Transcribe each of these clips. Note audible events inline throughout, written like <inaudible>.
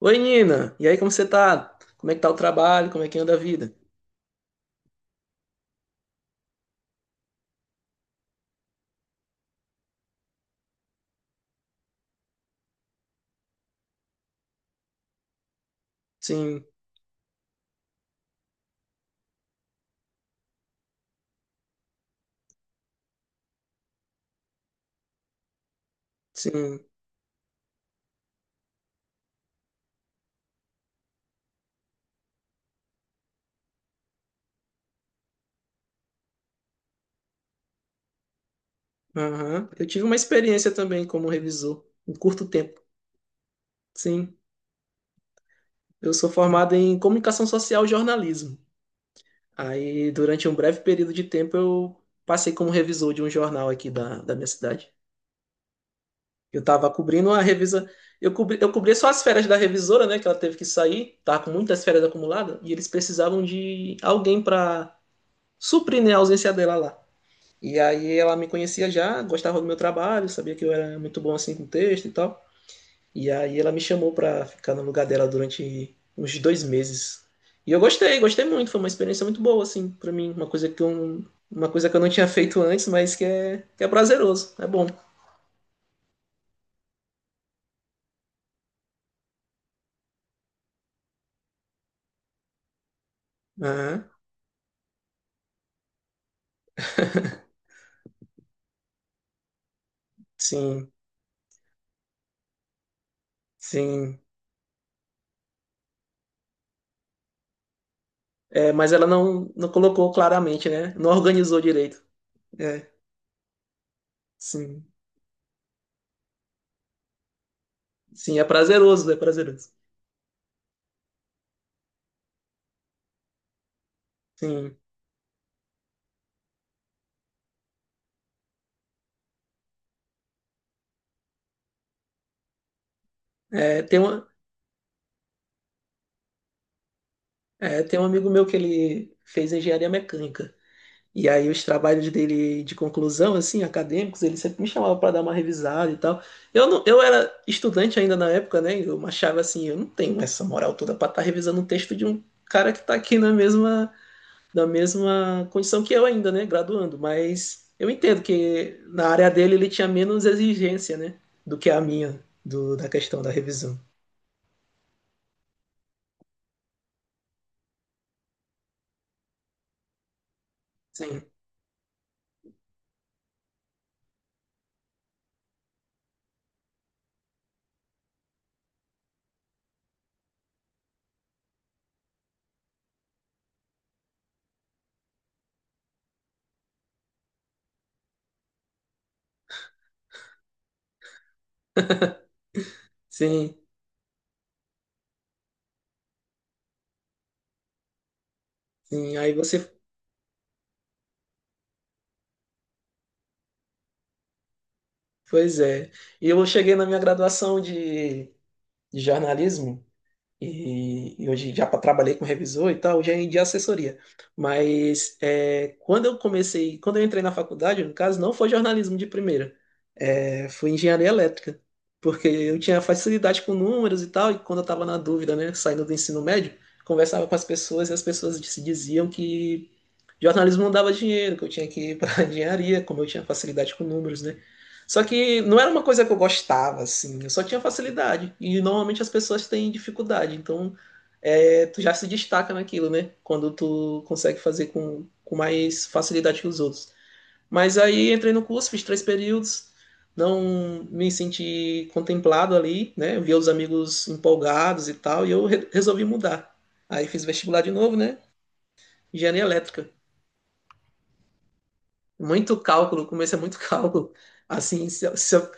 Oi, Nina. E aí, como você tá? Como é que tá o trabalho? Como é que anda a vida? Sim, sim. Aham. Eu tive uma experiência também como revisor, em curto tempo. Sim. Eu sou formado em comunicação social e jornalismo. Aí, durante um breve período de tempo, eu passei como revisor de um jornal aqui da minha cidade. Eu tava cobrindo a revisa. Eu cobri, eu cobria só as férias da revisora, né? Que ela teve que sair, tava com muitas férias acumuladas, e eles precisavam de alguém para suprir, né, a ausência dela lá. E aí ela me conhecia já, gostava do meu trabalho, sabia que eu era muito bom assim com texto e tal. E aí ela me chamou pra ficar no lugar dela durante uns dois meses. E eu gostei, gostei muito, foi uma experiência muito boa assim pra mim, uma coisa que eu não tinha feito antes, mas que é prazeroso, é bom. Aham, sim, sim. É, mas ela não colocou claramente, né? Não organizou direito. É, sim, sim, é prazeroso, é prazeroso. Sim. É, tem uma, É, tem um amigo meu que ele fez engenharia mecânica. E aí os trabalhos dele de conclusão, assim, acadêmicos, ele sempre me chamava para dar uma revisada e tal. Eu não, eu era estudante ainda na época, né? Eu achava assim, eu não tenho essa moral toda para estar revisando um texto de um cara que está aqui na mesma condição que eu ainda, né? Graduando. Mas eu entendo que na área dele ele tinha menos exigência, né? Do que a minha, da questão da revisão. Sim, sim, sim. Aí você pois é. E eu cheguei na minha graduação de jornalismo e hoje trabalhei com revisor e tal, já em de assessoria. Mas é, quando eu comecei, quando eu entrei na faculdade, no caso, não foi jornalismo de primeira. É, foi engenharia elétrica, porque eu tinha facilidade com números e tal, e quando eu estava na dúvida, né, saindo do ensino médio, conversava com as pessoas e as pessoas se diziam que jornalismo não dava dinheiro, que eu tinha que ir para <laughs> engenharia, como eu tinha facilidade com números, né? Só que não era uma coisa que eu gostava, assim, eu só tinha facilidade, e normalmente as pessoas têm dificuldade, então é, tu já se destaca naquilo, né? Quando tu consegue fazer com mais facilidade que os outros. Mas aí entrei no curso, fiz três períodos, não me senti contemplado ali, né? Eu via os amigos empolgados e tal, e eu resolvi mudar. Aí fiz vestibular de novo, né? Engenharia elétrica. Muito cálculo, o começo é muito <laughs> cálculo. Assim, se, eu- se, eu-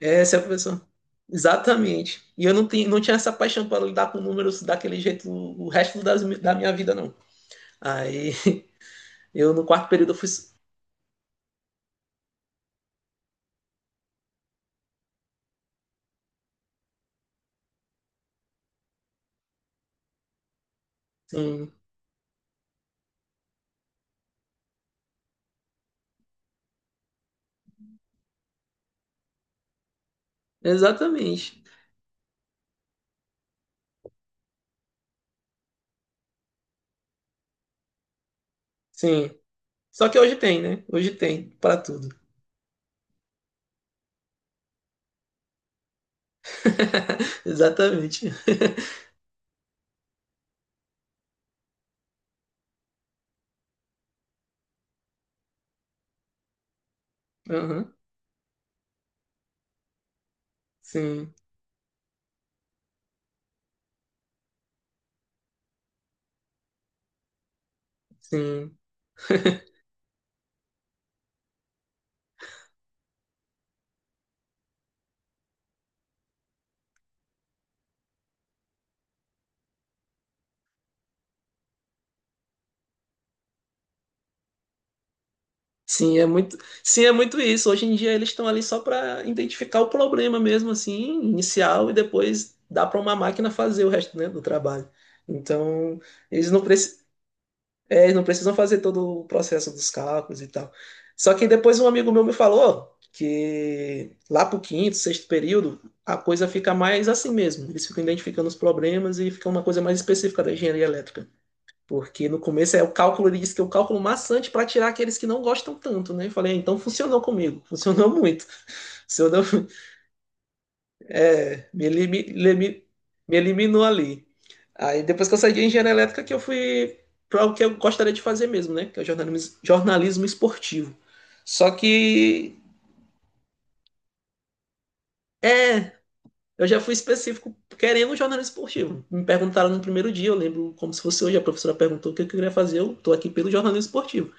é, se a pessoa. Exatamente. E eu não tinha essa paixão para lidar com números daquele jeito o resto da minha vida, não. Aí <laughs> eu no quarto período eu fui. Sim, exatamente. Sim. Só que hoje tem, né? Hoje tem para tudo. <laughs> Exatamente. Aham. Sim, sim. <laughs> Sim, é muito isso. Hoje em dia eles estão ali só para identificar o problema mesmo, assim, inicial, e depois dá para uma máquina fazer o resto, né, do trabalho. Então, eles não, preci eles não precisam fazer todo o processo dos cálculos e tal. Só que depois um amigo meu me falou que lá pro quinto, sexto período, a coisa fica mais assim mesmo. Eles ficam identificando os problemas e fica uma coisa mais específica da engenharia elétrica. Porque no começo é o cálculo, ele disse que é o cálculo maçante para tirar aqueles que não gostam tanto, né? Eu falei, ah, então funcionou comigo, <laughs> funcionou muito. Funcionou, é, me, elimi- elimi- me eliminou ali. Aí depois que eu saí de engenharia elétrica, que eu fui para o que eu gostaria de fazer mesmo, né? Que é o jornalismo, jornalismo esportivo. Só que, é, eu já fui específico querendo um jornalismo esportivo. Me perguntaram no primeiro dia, eu lembro como se fosse hoje, a professora perguntou o que eu queria fazer, eu tô aqui pelo jornalismo esportivo.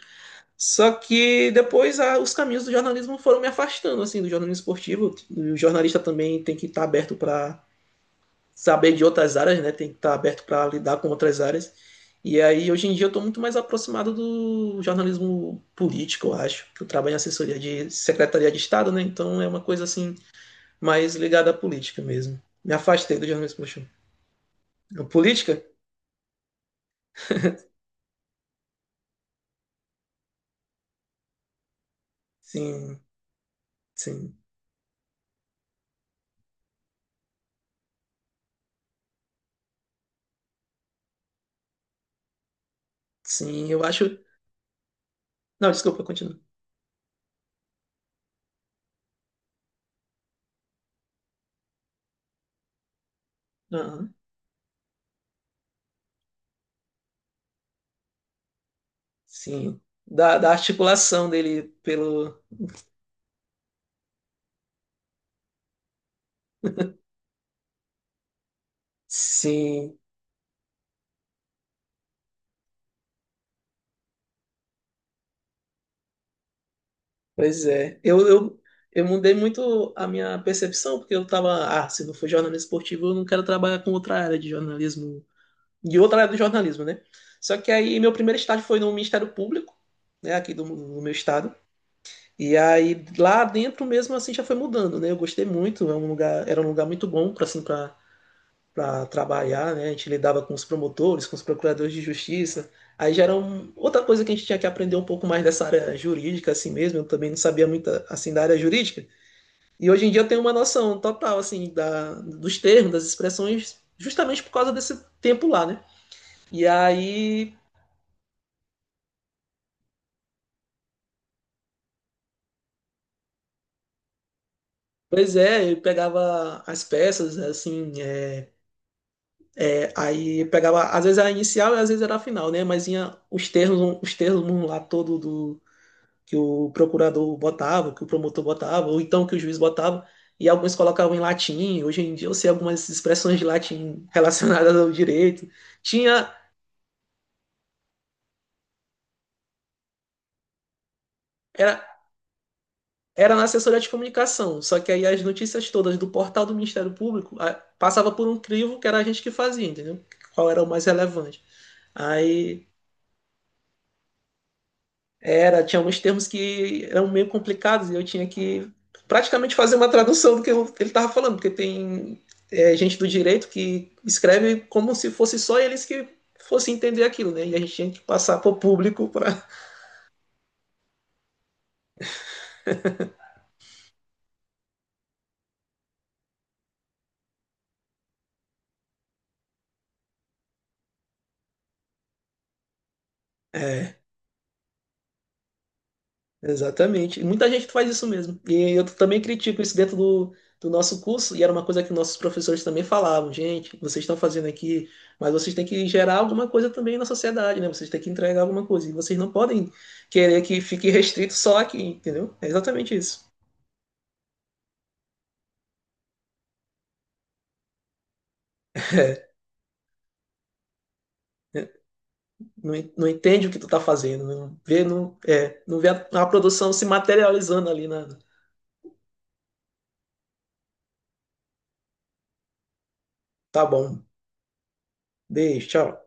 Só que depois os caminhos do jornalismo foram me afastando, assim, do jornalismo esportivo. O jornalista também tem que estar aberto para saber de outras áreas, né? Tem que estar aberto para lidar com outras áreas. E aí, hoje em dia, eu estou muito mais aproximado do jornalismo político, eu acho. Que Eu trabalho em assessoria de Secretaria de Estado, né? Então é uma coisa, assim, mais ligada à política mesmo. Me afastei do jornalismo esportivo. Política? Sim, sim, sim. Eu acho. Não, desculpa, continua. Sim, da articulação dele pelo. Sim, pois é. Eu mudei muito a minha percepção, porque eu tava, ah, se não for jornalismo esportivo, eu não quero trabalhar com outra área de jornalismo, de outra área do jornalismo, né? Só que aí meu primeiro estágio foi no Ministério Público, né, aqui do meu estado. E aí lá dentro mesmo assim já foi mudando, né? Eu gostei muito, é um lugar, era um lugar muito bom para assim, para trabalhar, né? A gente lidava com os promotores, com os procuradores de justiça. Aí já era outra coisa que a gente tinha que aprender um pouco mais dessa área jurídica, assim mesmo. Eu também não sabia muito, assim, da área jurídica. E hoje em dia eu tenho uma noção total, assim, dos termos, das expressões, justamente por causa desse tempo lá, né? E aí, pois é, eu pegava as peças, né, assim, aí pegava, às vezes era a inicial e às vezes era a final, né? Mas tinha os termos lá todo do que o procurador botava, que o promotor botava, ou então que o juiz botava, e alguns colocavam em latim. Hoje em dia eu sei algumas expressões de latim <laughs> relacionadas ao direito. Tinha, era, era na assessoria de comunicação, só que aí as notícias todas do portal do Ministério Público passava por um crivo que era a gente que fazia, entendeu? Qual era o mais relevante. Aí era, tinha alguns termos que eram meio complicados e eu tinha que praticamente fazer uma tradução do que ele estava falando, porque tem é, gente do direito que escreve como se fosse só eles que fossem entender aquilo, né? E a gente tinha que passar para o público para. Exatamente. E muita gente faz isso mesmo. E eu também critico isso dentro do nosso curso, e era uma coisa que nossos professores também falavam, gente, vocês estão fazendo aqui, mas vocês têm que gerar alguma coisa também na sociedade, né? Vocês têm que entregar alguma coisa. E vocês não podem querer que fique restrito só aqui, entendeu? É exatamente isso. Né? Não entende o que tu tá fazendo, não vê, não vê a produção se materializando ali na. Tá bom, beijo, tchau.